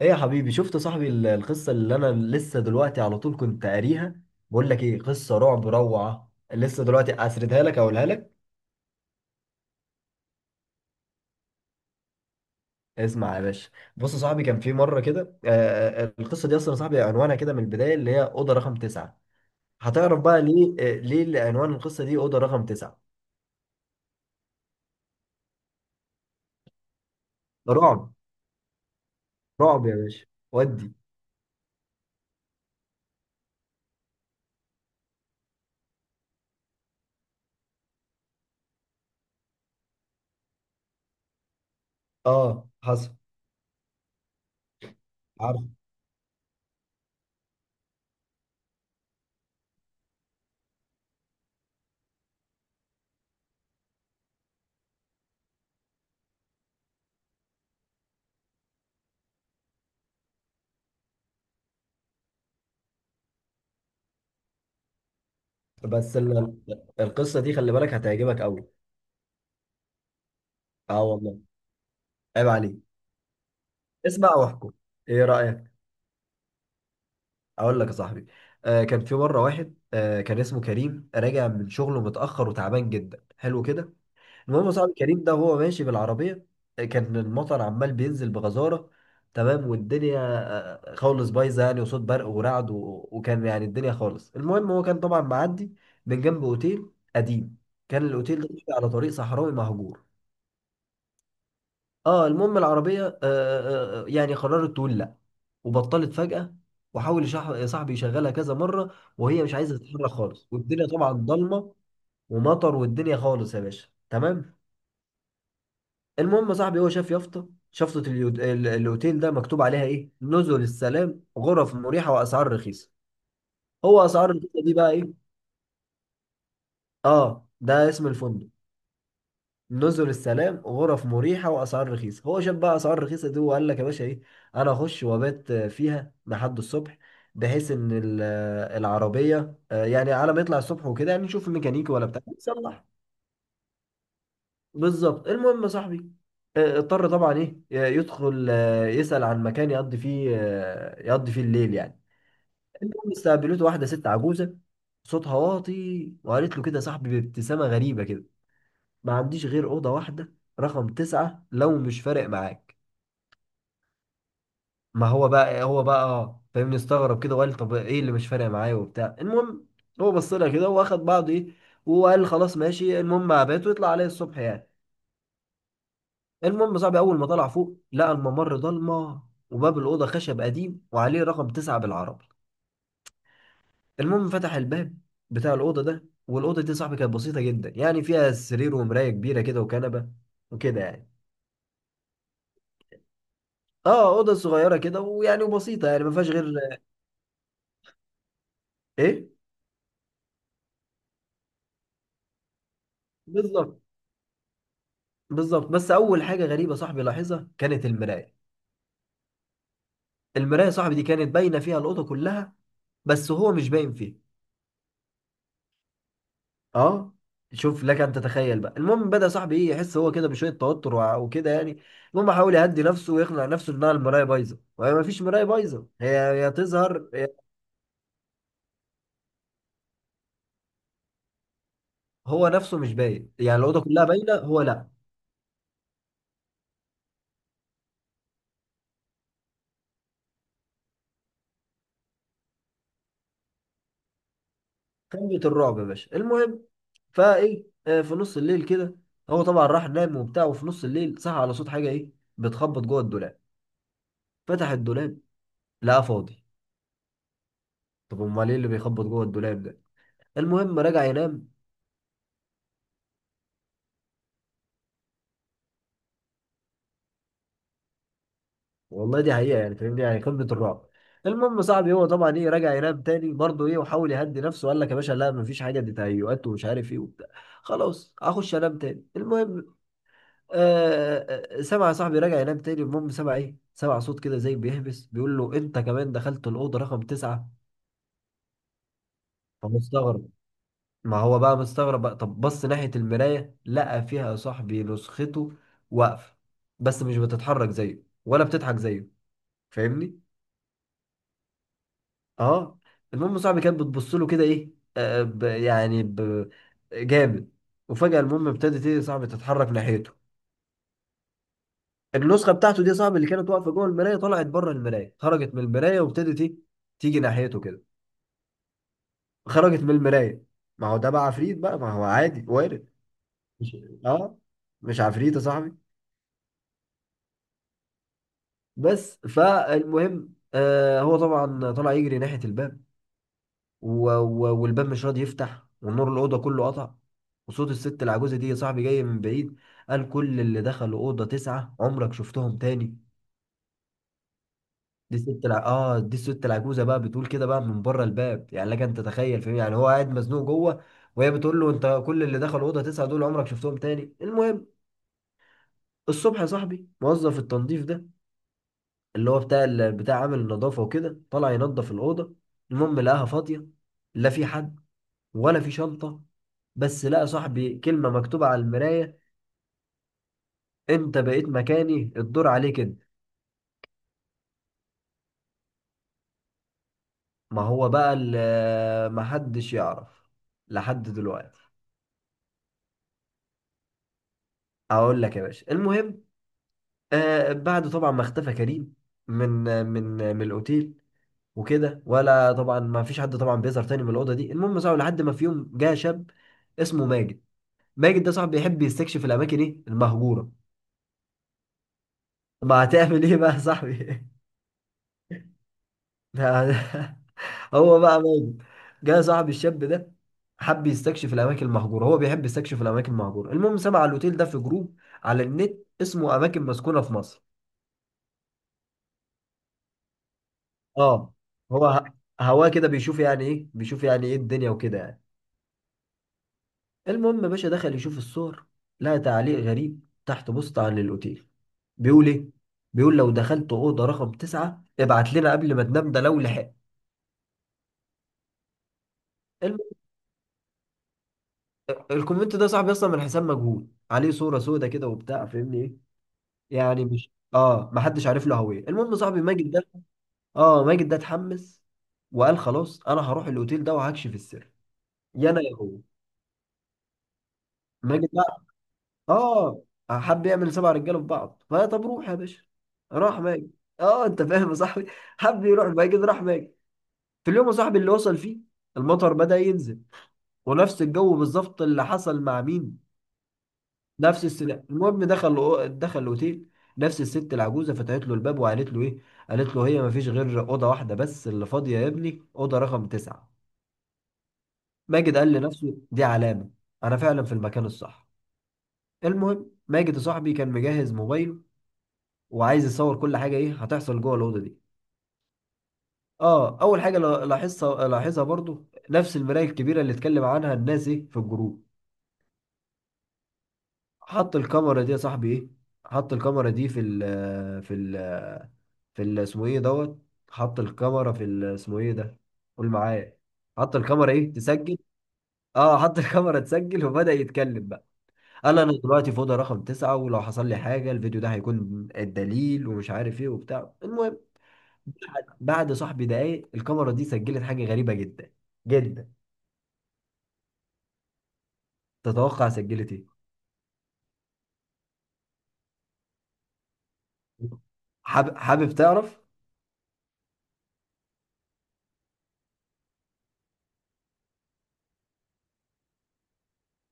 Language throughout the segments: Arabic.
ايه يا حبيبي شفت صاحبي القصة اللي انا لسه دلوقتي على طول كنت قاريها. بقول لك ايه؟ قصة رعب روعة، لسه دلوقتي اسردها لك اقولها لك. اسمع يا باشا. بص يا صاحبي، كان في مرة كده القصة دي اصلا يا صاحبي عنوانها كده من البداية، اللي هي أوضة رقم تسعة. هتعرف بقى ليه، ليه اللي عنوان القصة دي أوضة رقم تسعة. رعب. رعب يا باشا. ودي. اه، حصل. عارف. بس القصة دي خلي بالك هتعجبك قوي. اه والله، عيب عليك. اسمع واحكم، ايه رأيك؟ اقول لك يا صاحبي، كان في مره واحد كان اسمه كريم، راجع من شغله متاخر وتعبان جدا. حلو كده. المهم يا صاحبي، كريم ده وهو ماشي بالعربيه، كان المطر عمال بينزل بغزاره. تمام، والدنيا خالص بايظه يعني، وصوت برق ورعد و... وكان يعني الدنيا خالص. المهم هو كان طبعا معدي من جنب اوتيل قديم. كان الاوتيل ده على طريق صحراوي مهجور. اه، المهم العربية يعني قررت تقول لا، وبطلت فجأة. وحاول صاحبي يشغلها كذا مرة، وهي مش عايزة تتحرك خالص والدنيا طبعا ضلمة ومطر والدنيا خالص يا باشا. تمام. المهم صاحبي هو شاف يافطة شفطة الاوتيل ده مكتوب عليها ايه: نزل السلام، غرف مريحة واسعار رخيصة. هو اسعار رخيصة دي بقى ايه؟ اه ده اسم الفندق. نزل السلام، غرف مريحه واسعار رخيصه. هو شاف بقى اسعار رخيصه دي وقال لك يا باشا ايه: انا اخش وابات فيها لحد الصبح، بحيث ان العربيه، يعني على ما يطلع الصبح وكده يعني نشوف الميكانيكي ولا بتاع يصلح. بالظبط. المهم يا صاحبي، اضطر طبعا ايه يدخل، يسأل عن مكان يقضي فيه الليل يعني. المهم استقبلته واحده ست عجوزه، صوتها واطي، وقالت له كده يا صاحبي بابتسامه غريبه كده: ما عنديش غير أوضة واحدة، رقم تسعة، لو مش فارق معاك. ما هو بقى اه فاهمني، استغرب كده وقال: طب ايه اللي مش فارق معايا، وبتاع. المهم هو بص لها كده واخد بعضه ايه، وقال خلاص ماشي. المهم عباته ويطلع عليه الصبح يعني. المهم صاحبي، اول ما طلع فوق لقى الممر ضلمه، وباب الاوضه خشب قديم وعليه رقم تسعة بالعربي. المهم فتح الباب بتاع الاوضه ده، والاوضه دي صاحبي كانت بسيطه جدا يعني، فيها سرير ومرايه كبيره كده وكنبه، وكده يعني. اه، اوضه صغيره كده ويعني وبسيطه يعني، ما فيهاش غير ايه. بالظبط. بالظبط. بس اول حاجه غريبه صاحبي لاحظها كانت المرايه. المرايه صاحبي دي كانت باينه فيها الاوضه كلها، بس هو مش باين فيها. اه، شوف لك ان تتخيل بقى. المهم بدا صاحبي ايه يحس هو كده بشويه توتر وكده يعني. المهم حاول يهدي نفسه ويقنع نفسه انها المرايه بايظه، وهي ما فيش مرايه بايظه، هي تظهر هو نفسه مش باين يعني، الاوضه كلها باينه هو لا. قمه الرعب يا باشا. المهم فايه في نص الليل كده، هو طبعا راح نام وبتاع، وفي نص الليل صحى على صوت حاجه ايه بتخبط جوه الدولاب. فتح الدولاب، لقاه فاضي. طب امال ايه اللي بيخبط جوه الدولاب ده؟ المهم رجع ينام. والله دي حقيقه يعني، فاهمني يعني قمه الرعب. المهم صاحبي، هو طبعا ايه رجع ينام تاني برضه ايه، وحاول يهدي نفسه وقال لك يا باشا: لا مفيش حاجه، دي تهيؤات ومش عارف ايه وبتاع، خلاص هخش انام تاني. المهم سمع صاحبي، رجع ينام تاني. المهم سمع ايه، سمع صوت كده زي بيهبس بيقول له: انت كمان دخلت الاوضه رقم تسعة. فمستغرب. ما هو بقى مستغرب بقى، طب بص ناحية المراية، لقى فيها يا صاحبي نسخته واقفة، بس مش بتتحرك زيه ولا بتضحك زيه، فاهمني؟ اه. المهم صاحبي كانت بتبص له كده ايه، آه ب يعني ب جامد. وفجأة المهم، ابتدت ايه يا صاحبي تتحرك ناحيته. النسخة بتاعته دي يا صاحبي اللي كانت واقفة جوه المراية طلعت بره المراية، خرجت من المراية وابتدت ايه تيجي ناحيته كده. خرجت من المراية. ما هو ده بقى عفريت بقى، ما هو عادي وارد. مش اه مش عفريت يا صاحبي. بس فالمهم، هو طبعا طلع يجري ناحية الباب، و و والباب مش راضي يفتح، والنور الأوضة كله قطع. وصوت الست العجوزة دي يا صاحبي جاي من بعيد، قال: كل اللي دخلوا أوضة تسعة عمرك شفتهم تاني. دي الست العجوزة بقى بتقول كده بقى من بره الباب، يعني لك انت تتخيل فاهم يعني هو قاعد مزنوق جوه، وهي بتقول له: انت كل اللي دخلوا أوضة تسعة دول عمرك شفتهم تاني. المهم الصبح يا صاحبي، موظف التنظيف ده اللي هو بتاع عامل النظافة وكده، طلع ينظف الأوضة. المهم لقاها فاضية، لا في حد ولا في شنطة. بس لقى صاحبي كلمة مكتوبة على المراية: أنت بقيت مكاني، الدور عليك أنت. ما هو بقى محدش يعرف لحد دلوقتي. أقول لك يا باشا. المهم بعد طبعا ما اختفى كريم من الأوتيل وكده، ولا طبعا ما فيش حد طبعا بيظهر تاني من الأوضة دي. المهم ساعة لحد ما في يوم جه شاب اسمه ماجد. ماجد ده صاحبي بيحب يستكشف الاماكن ايه المهجوره، ما هتعمل ايه بقى يا صاحبي؟ ده- هو بقى ماجد، جه صاحبي الشاب ده حب يستكشف الاماكن المهجوره، هو بيحب يستكشف الاماكن المهجوره. المهم سمع على الاوتيل ده في جروب على النت، اسمه اماكن مسكونه في مصر. اه، هو هواه كده بيشوف يعني ايه، بيشوف يعني ايه الدنيا وكده يعني. المهم يا باشا، دخل يشوف الصور، لقى تعليق غريب تحت بوست عن الاوتيل بيقول ايه، بيقول: لو دخلت اوضه رقم تسعة ابعت لنا قبل ما تنام، ده لو لحق. الم- الكومنت ده صاحبي اصلا من حساب مجهول، عليه صوره سودة كده وبتاع، فاهمني ايه، يعني مش اه، ما حدش عارف له هويه. المهم صاحبي ماجد ده اتحمس وقال: خلاص انا هروح الاوتيل ده وهكشف السر، يا انا يا هو. ماجد بقى، اه، حب يعمل سبع رجاله في بعض، فطب روح يا باشا. راح ماجد. اه، انت فاهم يا صاحبي، حب يروح ماجد، راح ماجد. في اليوم يا صاحبي اللي وصل فيه، المطر بدأ ينزل ونفس الجو بالظبط اللي حصل مع مين، نفس السلاح. المهم دخل الاوتيل، نفس الست العجوزه فتحت له الباب وقالت له ايه، قالت له: هي ما فيش غير اوضه واحده بس اللي فاضيه يا ابني، اوضه رقم تسعة. ماجد قال لنفسه: دي علامه، انا فعلا في المكان الصح. المهم ماجد يا صاحبي كان مجهز موبايله، وعايز يصور كل حاجه ايه هتحصل جوه الاوضه دي. اه، اول حاجه لاحظها برضو نفس المرايه الكبيره، اللي اتكلم عنها الناس ايه في الجروب. حط الكاميرا دي يا صاحبي ايه، حط الكاميرا دي اسمه ايه دوت، حط الكاميرا اسمه ايه ده، قول معايا، حط الكاميرا ايه تسجل. اه، حط الكاميرا تسجل وبدأ يتكلم بقى، قال: انا دلوقتي في اوضه رقم تسعة، ولو حصل لي حاجه الفيديو ده هيكون الدليل، ومش عارف ايه وبتاع. المهم بعد صاحبي دقايق، الكاميرا دي سجلت حاجه غريبه جدا جدا. تتوقع سجلت ايه؟ حابب تعرف؟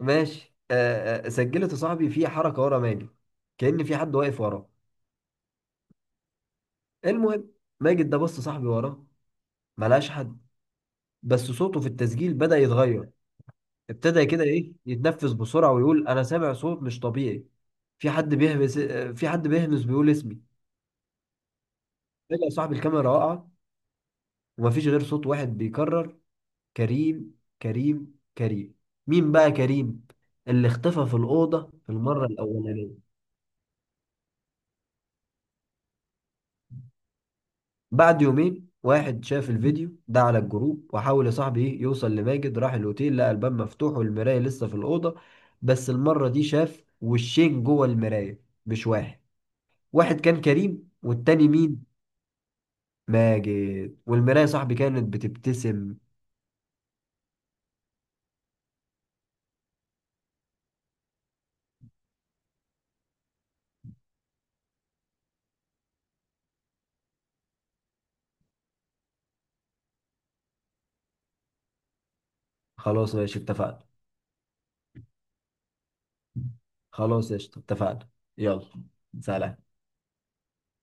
ماشي. سجلت صاحبي في حركه ورا ماجد، كأن في حد واقف وراه. المهم ماجد ده بص صاحبي وراه، ملهاش حد. بس صوته في التسجيل بدأ يتغير، ابتدى كده ايه يتنفس بسرعة ويقول: انا سامع صوت مش طبيعي، في حد بيهمس، في حد بيهمس بيقول اسمي. فجأة صاحب الكاميرا وقع، ومفيش غير صوت واحد بيكرر: كريم، كريم، كريم. مين بقى كريم؟ اللي اختفى في الأوضة في المرة الأولانية. بعد يومين، واحد شاف الفيديو ده على الجروب وحاول يا صاحبي ايه يوصل لماجد، راح الأوتيل لقى الباب مفتوح والمراية لسه في الأوضة. بس المرة دي شاف وشين جوه المراية، مش واحد، واحد كان كريم والتاني مين، ماجد. والمراية يا صاحبي كانت بتبتسم. خلاص ماشي، اتفقنا. خلاص قشطة، اتفقنا. يلا. سلام.